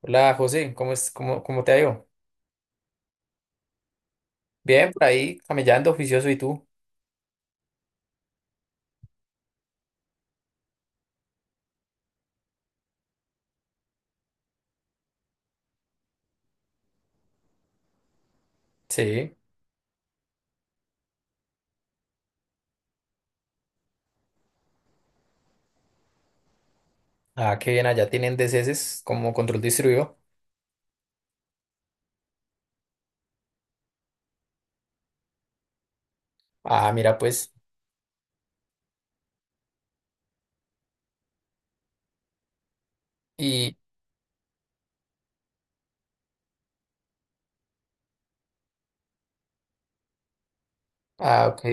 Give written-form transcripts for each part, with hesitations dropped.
Hola José, cómo te ha ido? Bien, por ahí camellando, oficioso, ¿y tú? Sí. Ah, qué bien, allá tienen DCS como control distribuido. Ah, mira, pues, y, ah, ok.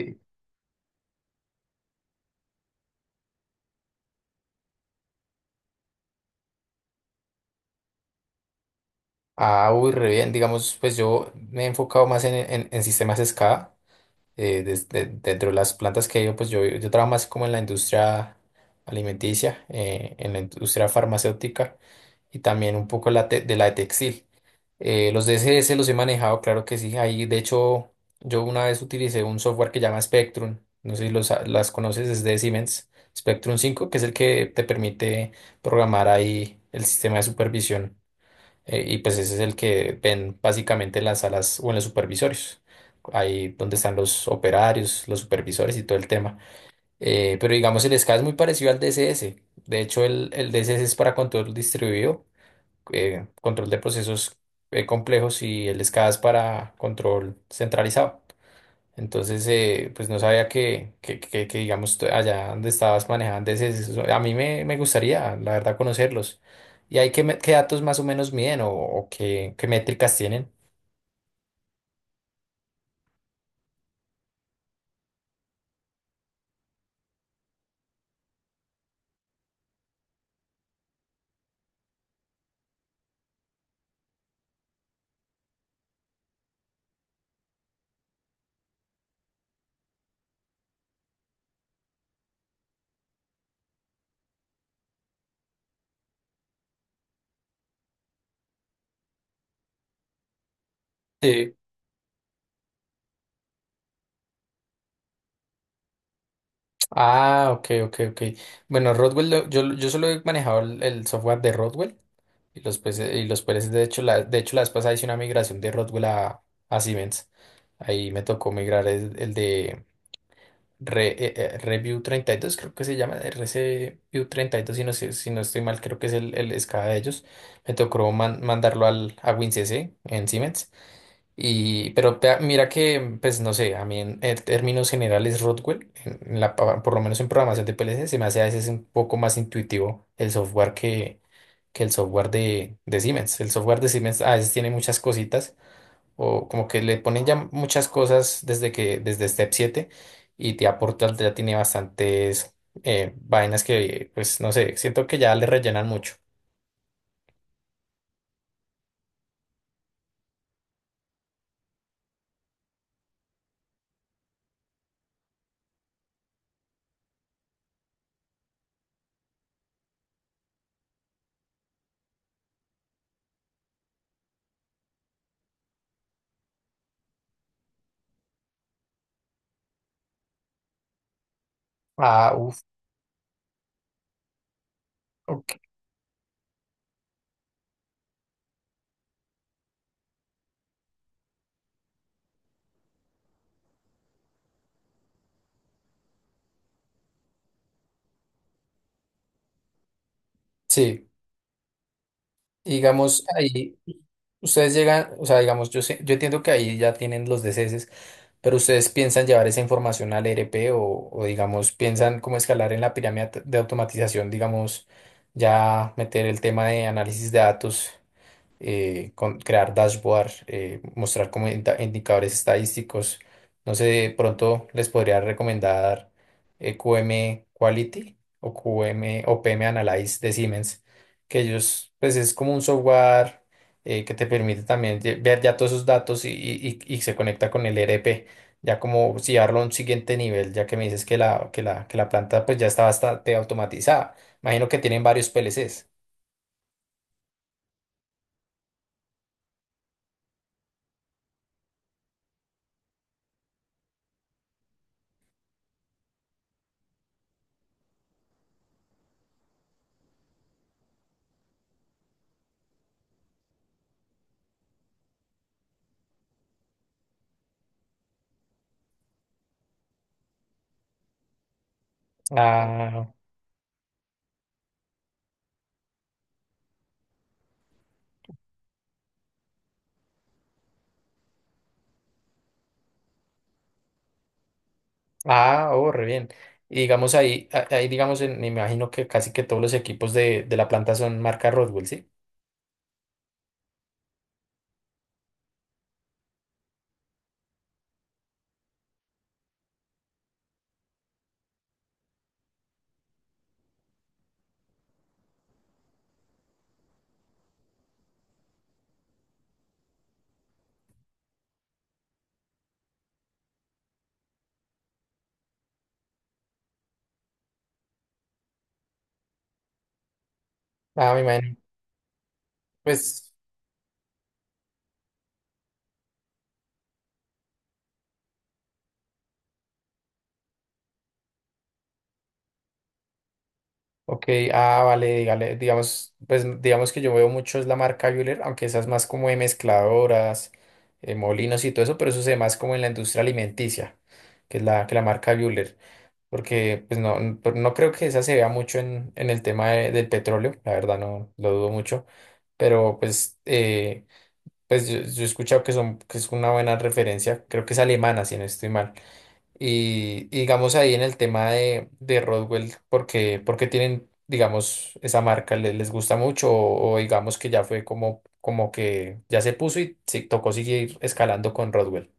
Ah, uy, re bien, digamos, pues yo me he enfocado más en, en sistemas SCADA. Dentro de las plantas que he ido, pues yo trabajo más como en la industria alimenticia, en la industria farmacéutica y también un poco la te- de la de textil. Los DSS los he manejado, claro que sí. Ahí, de hecho, yo una vez utilicé un software que llama Spectrum. No sé si los, las conoces, es de Siemens. Spectrum 5, que es el que te permite programar ahí el sistema de supervisión. Y pues ese es el que ven básicamente en las salas o en los supervisorios. Ahí donde están los operarios, los supervisores y todo el tema. Pero digamos, el SCADA es muy parecido al DSS. De hecho, el DSS es para control distribuido, control de procesos complejos, y el SCADA es para control centralizado. Entonces, pues no sabía que, digamos, allá donde estabas manejando a mí me, gustaría, la verdad, conocerlos. ¿Y qué datos más o menos miden o, qué métricas tienen? Sí. Ah, ok, ok, ok. Bueno, Rodwell, yo, solo he manejado el software de Rodwell de hecho, la vez pasada hice una migración de Rodwell a, Siemens. Ahí me tocó migrar el de Review 32, creo que se llama, r c View 32, si no estoy mal, creo que es el, escala de ellos. Me tocó mandarlo a WinCC en Siemens. Pero mira que, pues no sé, a mí en términos generales Rockwell, por lo menos en programación de PLC, se me hace a veces un poco más intuitivo el software que, el software de Siemens. El software de Siemens a veces tiene muchas cositas o como que le ponen ya muchas cosas desde Step 7, y te aporta, ya tiene bastantes vainas que, pues no sé, siento que ya le rellenan mucho. Ah, uff, ok. Sí, y digamos ahí ustedes llegan, o sea, digamos, yo entiendo que ahí ya tienen los DCS, pero ustedes piensan llevar esa información al ERP, o digamos, piensan cómo escalar en la pirámide de automatización, digamos, ya meter el tema de análisis de datos, crear dashboard, mostrar como indicadores estadísticos. No sé, de pronto les podría recomendar QM Quality o QM o PM Analyze de Siemens, que ellos, pues es como un software que te permite también ver ya todos esos datos, y, y se conecta con el ERP, ya como si llevarlo a un siguiente nivel, ya que me dices que la, que la, planta pues ya está bastante automatizada. Imagino que tienen varios PLCs. Ah, oh, re bien. Y digamos ahí, ahí digamos, me imagino que casi que todos los equipos de la planta son marca Rodwell, ¿sí? Ah, me imagino. Pues, ok, ah, vale, dígale, digamos, pues digamos que yo veo mucho es la marca Bühler, aunque esa es más como de mezcladoras, molinos y todo eso, pero eso se ve más como en la industria alimenticia, que es que la marca Bühler. Porque pues no creo que esa se vea mucho en, el tema del petróleo, la verdad no lo dudo mucho, pero pues pues yo he escuchado que son, que es una buena referencia, creo que es alemana, si no estoy mal. Y digamos ahí en el tema de, Rodwell, porque tienen, digamos, esa marca, ¿les gusta mucho, o digamos que ya fue como que ya se puso y se tocó seguir escalando con Rodwell?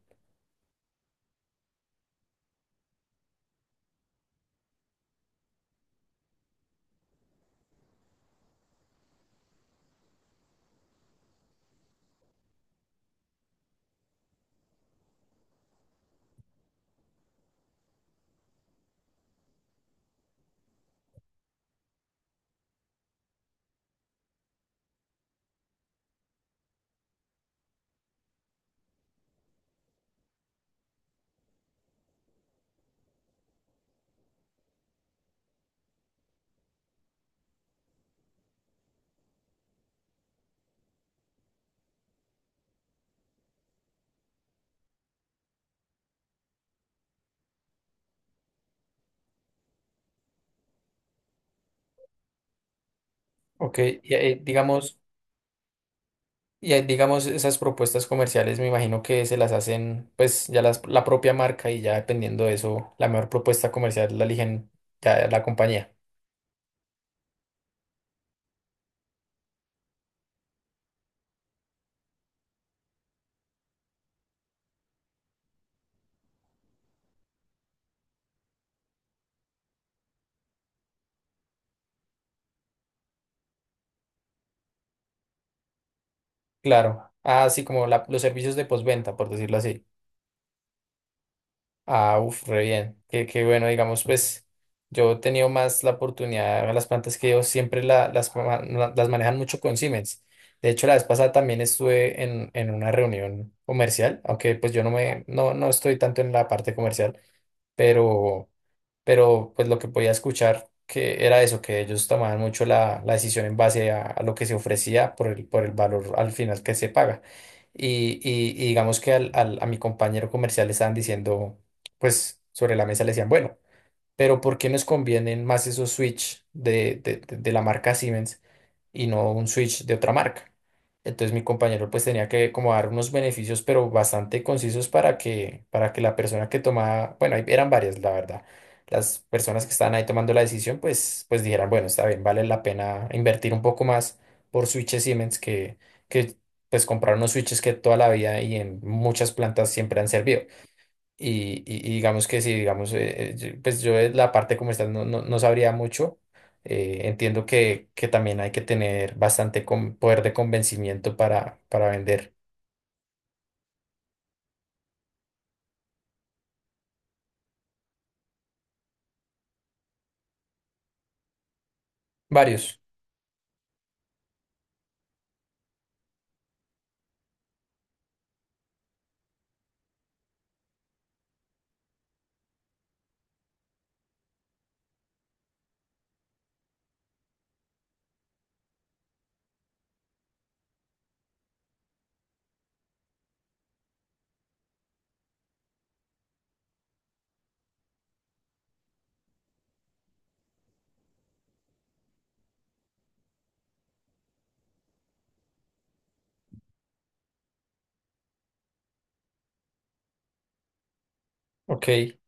Ok, digamos, esas propuestas comerciales me imagino que se las hacen, pues ya las, la propia marca, y ya dependiendo de eso, la mejor propuesta comercial la eligen ya la compañía. Claro, ah, sí, como los servicios de postventa, por decirlo así. Ah, uff, re bien. Qué bueno, digamos, pues yo he tenido más la oportunidad, las plantas que yo siempre las manejan mucho con Siemens. De hecho, la vez pasada también estuve en, una reunión comercial, aunque pues yo no me, no, no estoy tanto en la parte comercial, pero pero pues lo que podía escuchar que era eso, que ellos tomaban mucho la, decisión en base a lo que se ofrecía por el valor al final que se paga. Y digamos que a mi compañero comercial le estaban diciendo, pues sobre la mesa le decían, bueno, pero ¿por qué nos convienen más esos switch de la marca Siemens y no un switch de otra marca? Entonces mi compañero pues tenía que como dar unos beneficios pero bastante concisos para que, la persona que tomaba, bueno, ahí eran varias, la verdad, las personas que estaban ahí tomando la decisión, pues, dijeran, bueno, está bien, vale la pena invertir un poco más por switches Siemens que pues comprar unos switches que toda la vida y en muchas plantas siempre han servido. Y digamos que sí, digamos, pues yo de la parte como está no sabría mucho. Entiendo que, también hay que tener bastante poder de convencimiento para vender varios. Ok.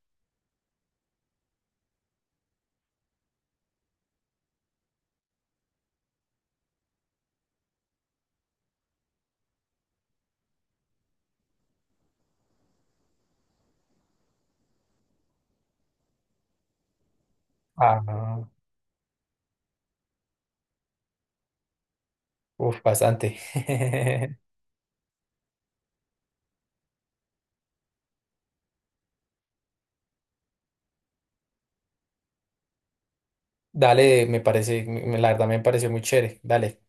Ah, uf, bastante. Dale, me parece, la verdad me pareció muy chévere. Dale.